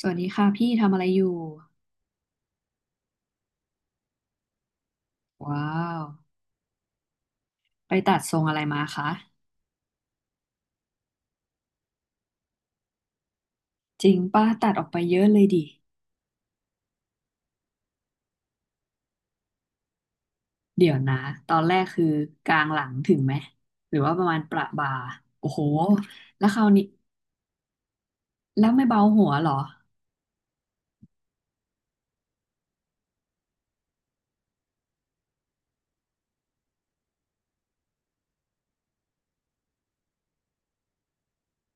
สวัสดีค่ะพี่ทำอะไรอยู่ว้าวไปตัดทรงอะไรมาคะจริงป้าตัดออกไปเยอะเลยดิเดี๋ยวนะตอนแรกคือกลางหลังถึงไหมหรือว่าประมาณประบ่าโอ้โหแล้วคราวนี้แล้วไม่เบาหัวเหรอ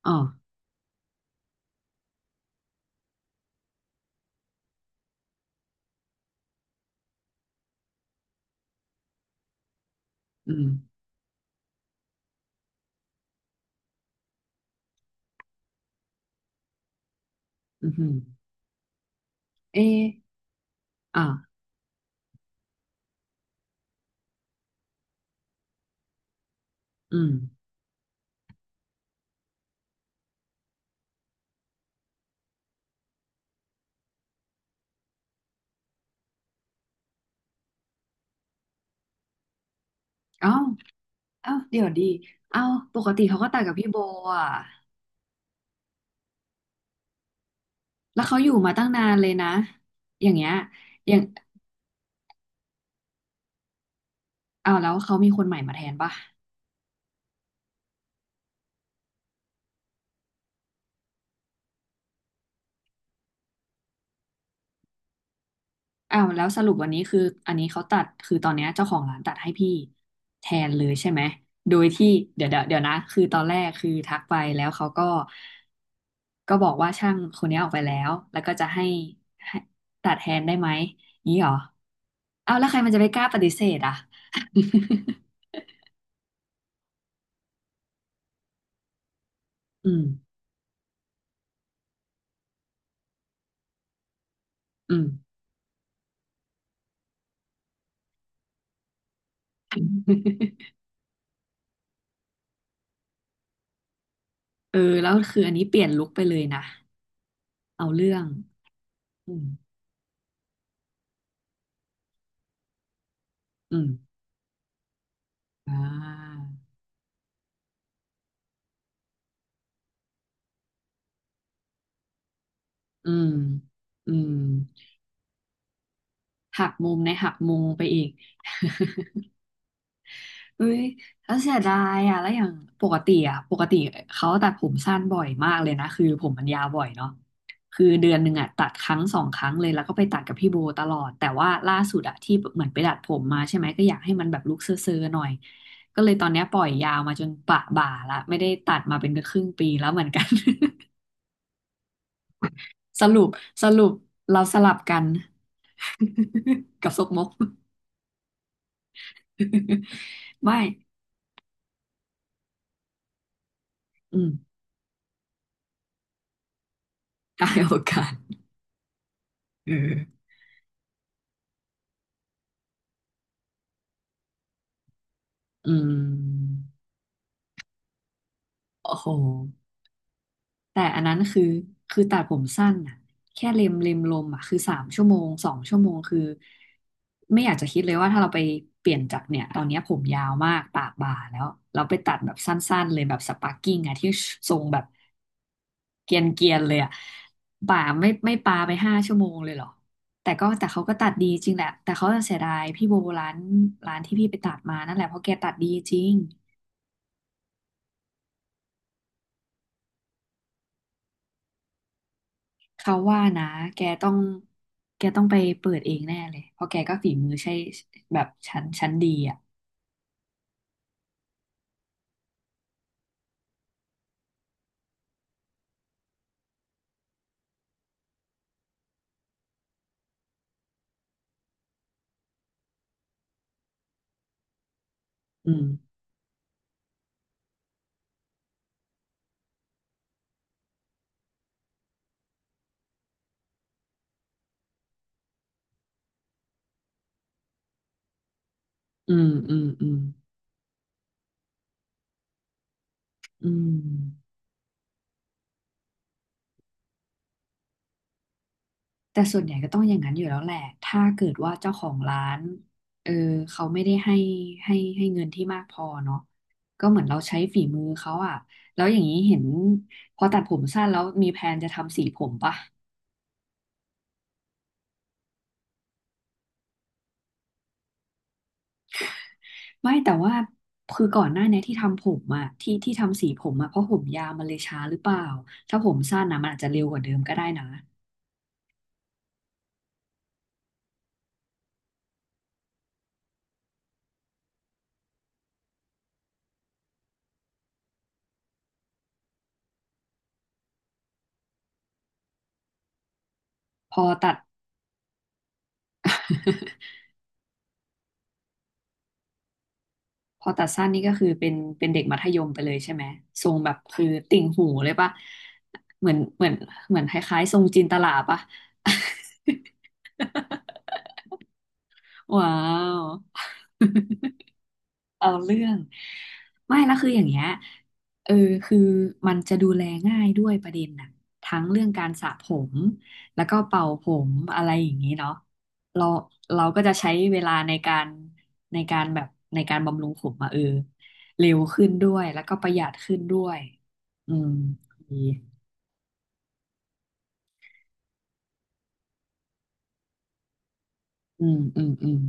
อ๋ออืมอืมอหือเออ่ะอืมเอ้าเอ้าเดี๋ยวดีเอ้าปกติเขาก็ตัดกับพี่โบอ่ะแล้วเขาอยู่มาตั้งนานเลยนะอย่างเงี้ยอย่างเอาแล้วเขามีคนใหม่มาแทนป่ะ อ้าวแล้วสรุปวันนี้คืออันนี้เขาตัดคือตอนเนี้ยเจ้าของร้านตัดให้พี่แทนเลยใช่ไหมโดยที่เดี๋ยวเดี๋ยวเดี๋ยวนะคือตอนแรกคือทักไปแล้วเขาก็ก็บอกว่าช่างคนนี้ออกไปแล้วแล้วก็จะให้ให้ตัดแทนได้ไหมนี้เหรออ้าวแล้วใครมันจะไปกล้าปฏิเสธอ่ะ อืมอืมเออแล้วคืออันนี้เปลี่ยนลุคไปเลยนะเอาเรื่องอืมอืมอ่าอืมอืม หักมุมในหักมุมไปอีก เอ้ยแล้วเสียดายอ่ะแล้วอย่างปกติอ่ะปกติเขาตัดผมสั้นบ่อยมากเลยนะคือผมมันยาวบ่อยเนาะคือเดือนหนึ่งอ่ะตัดครั้งสองครั้งเลย แล้วก็ไปตัดกับพี่โบตลอด แต่ว่าล่าสุดอ่ะที่เหมือนไปดัดผมมาใช่ไหมก็อยากให้มันแบบลุคเซ่อๆหน่อยก็เลยตอนเนี้ยปล่อยยาวมาจนปะบ่าละไม่ได้ตัดมาเป็นครึ่งปีแล้วเหมือนกัน สรุปสรุปเราสลับกัน กับซกมก ไม่อืม ได้โอกาสเอออืมโอ้โหแต่อันนั้นคือ คือตัดผมสั้นอ่ะแค่เล็มเล็มลมอ่ะคือสามชั่วโมงสองชั่วโมงคือไม่อยากจะคิดเลยว่าถ้าเราไปเปลี่ยนจากเนี่ยตอนเนี้ยผมยาวมากปากบ่าแล้วเราไปตัดแบบสั้นๆเลยแบบสปาร์กิ้งอ่ะที่ทรงแบบเกรียนเกียนเลยอ่ะบ่าไม่ไม่ปาไปห้าชั่วโมงเลยเหรอแต่ก็แต่เขาก็ตัดดีจริงแหละแต่เขาจะเสียดายพี่โบร้านร้านที่พี่ไปตัดมานั่นแหละเพราะแกตัดดีจริง เขาว่านะแกต้องแกต้องไปเปิดเองแน่เลยเพราะแกก็ฝีมือใช่แบบชั้นชั้นดีอ่ะอืมอืมอืมอืมอืมแต่ส่วนใหญ่ก็ต้องอย่างนั้นอยู่แล้วแหละ ถ้าเกิดว่าเจ้าของร้านเออเขาไม่ได้ให้ให้เงินที่มากพอเนาะก็เหมือนเราใช้ฝีมือเขาอ่ะแล้วอย่างนี้เห็นพอตัดผมสั้นแล้วมีแพลนจะทำสีผมปะ ไม่แต่ว่าคือก่อนหน้าเนี้ยที่ทำผมอะที่ทำสีผมอะเพราะผมยาวมันเลยช้าหรือเปล่าถ้าผมสั้นนะมันอาจจะเร็วกว่าเดิมก็ได้นะพอตัด พอตัดสั้นนี่ก็คือเป็นเด็กมัธยมไปเลยใช่ไหมทรงแบบคือติ่งหูเลยปะเหมือนเหมือนเหมือนคล้ายๆทรงจินตลาปะ ว้าว เอาเรื่องไม่แล้วคืออย่างเงี้ยเออคือมันจะดูแลง่ายด้วยประเด็นน่ะทั้งเรื่องการสระผมแล้วก็เป่าผมอะไรอย่างนี้เนาะเราก็จะใช้เวลาในการในการแบบในการบำรุงผมมาเออเร็วขึ้นด้วยแล้วก็ประหยัดขึ้นด้วยอืมดีอืมอืมอืม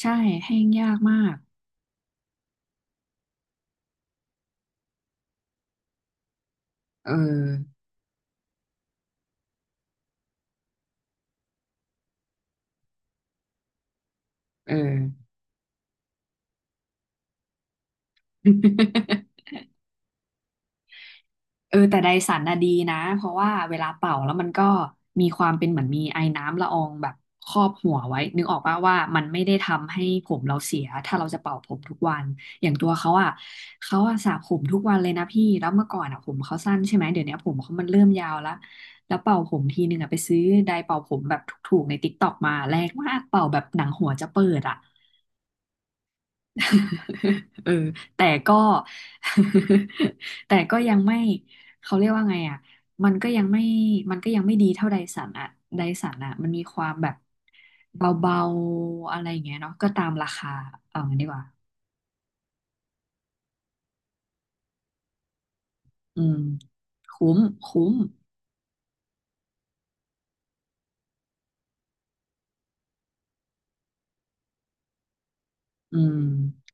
ใช่แห้งยากมากเออเออ เออแต่ไดสันน่ะดีนะเพราะว่าเวลาเป่าแล้วมันก็มีความเป็นเหมือนมีไอน้ำละอองแบบครอบหัวไว้นึกออกป่ะว่ามันไม่ได้ทำให้ผมเราเสียถ้าเราจะเป่าผมทุกวันอย่างตัวเขาอ่ะเขาอ่ะสระผมทุกวันเลยนะพี่แล้วเมื่อก่อนอ่ะผมเขาสั้นใช่ไหมเดี๋ยวนี้ผมเขามันเริ่มยาวแลวแล้วเป่าผมทีนึงอ่ะไปซื้อไดร์เป่าผมแบบถูกๆในติ๊กต็อกมาแรงมากเป่าแบบหนังหัวจะเปิดอ่ะ เออแต่ก็ แต่ก็ยังไม่เขาเรียกว่าไงอ่ะมันก็ยังไม่มันก็ยังไม่ดีเท่าไดสันอ่ะไดสันอ่ะมันมีความแบบเบาๆอะไรอย่างเงี้ยเนาะก็ตามราคาเอางี้ดีกว่าอืมคุ้มคุ้มอืม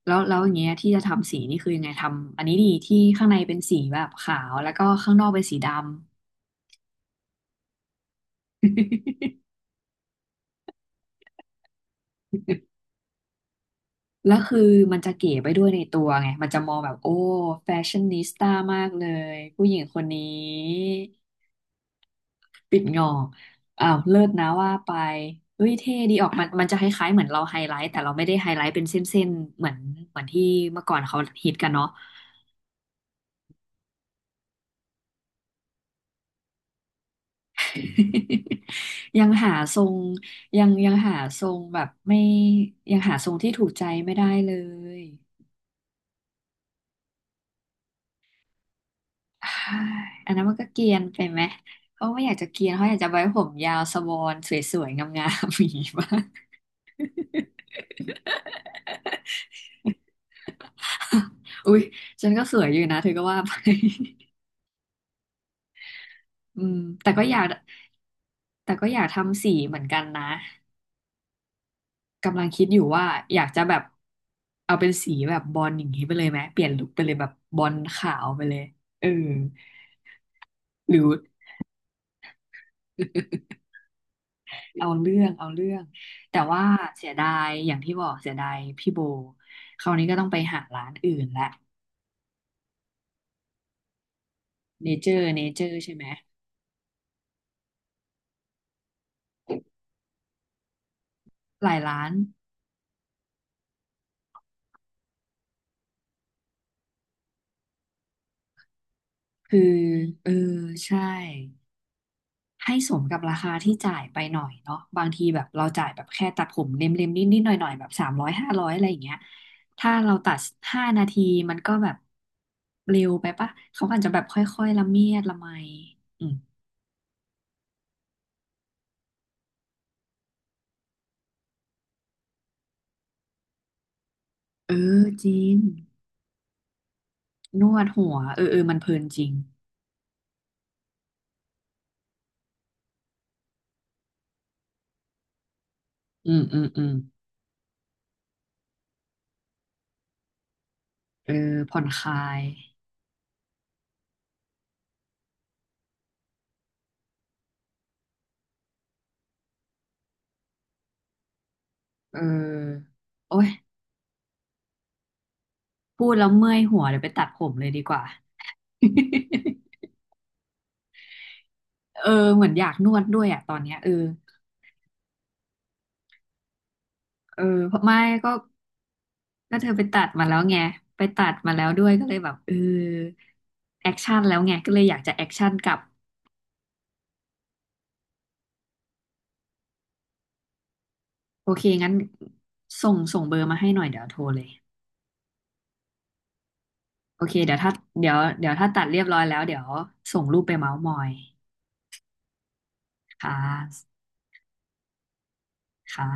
แล้วแล้วอย่างเงี้ยที่จะทำสีนี่คือยังไงทำอันนี้ดีที่ข้างในเป็นสีแบบขาวแล้วก็ข้างนอกเป็นสีดำ แล้วคือมันจะเก๋ไปด้วยในตัวไง มันจะมองแบบโอ้แฟชั่นนิสต้ามากเลยผู้หญิงคนนี้ปิดงอกอ้าวเลิศนะว่าไปเฮ้ยเท่ดีออกมันมันจะคล้ายๆเหมือนเราไฮไลท์แต่เราไม่ได้ไฮไลท์เป็นเส้นๆเหมือนเหมือนที่เมื่อก่อนเขาฮิตกันเนาะ ยังหาทรงยังยังหาทรงแบบไม่ยังหาทรงที่ถูกใจไม่ได้เลย ใช่อันนั้นมันก็เกรียนไปไหมเขาไม่อยากจะเกรียนเขาอยากจะไว้ผมยาวสบอนสวยๆงามๆอย่างนี้บ้าง อุ๊ยฉันก็สวยอยู่นะเธอก็ว่าไป อืมแต่ก็อยากแต่ก็อยากทำสีเหมือนกันนะกำลังคิดอยู่ว่าอยากจะแบบเอาเป็นสีแบบบอลอย่างนี้ไปเลยไหมเปลี่ยนลุคไปเลยแบบบอลขาวไปเลยเออหรือ เอาเรื่องเอาเรื่อง แต่ว่าเสียดายอย่างที่บอกเสียดายพี่โบคราวนี้ก็ต้องไปหาร้านอื่นละเนเจอร์เนเจอร์ใช่ไหมหลายร้านคือเออใช่ให้สมกับราคาที่จ่ายไปหน่อยเนาะบางทีแบบเราจ่ายแบบแค่ตัดผมเล็มๆนิดๆหน่อยๆแบบสามร้อยห้าร้อยอะไรอย่างเงี้ยถ้าเราตัดห้านาทีมันก็แบบเร็วไปปะเขาอาจจะแบบค่อยๆละเมียดละไมอืมเออจริงนวดหัวเออเออมันเพลินจริง อืมอืมอืมเออผ่อนคลายเออโอ้ยพูดแล้วเมื่อยหัวเดี๋ยวไปตัดผมเลยดีกว่า เออเหมือนอยากนวดด้วยอ่ะตอนเนี้ยเออเออเพราะไม่ก็เธอไปตัดมาแล้วไงไปตัดมาแล้วด้วยก็เลยแบบเออแอคชั่นแล้วไงก็เลยอยากจะแอคชั่นกลับโอเคงั้นส่งเบอร์มาให้หน่อยเดี๋ยวโทรเลยโอเคเดี๋ยวถ้าเดี๋ยวถ้าตัดเรียบร้อยแล้วเดี๋ยวส่งรูปไปเม้าท์มอยค่ะค่ะ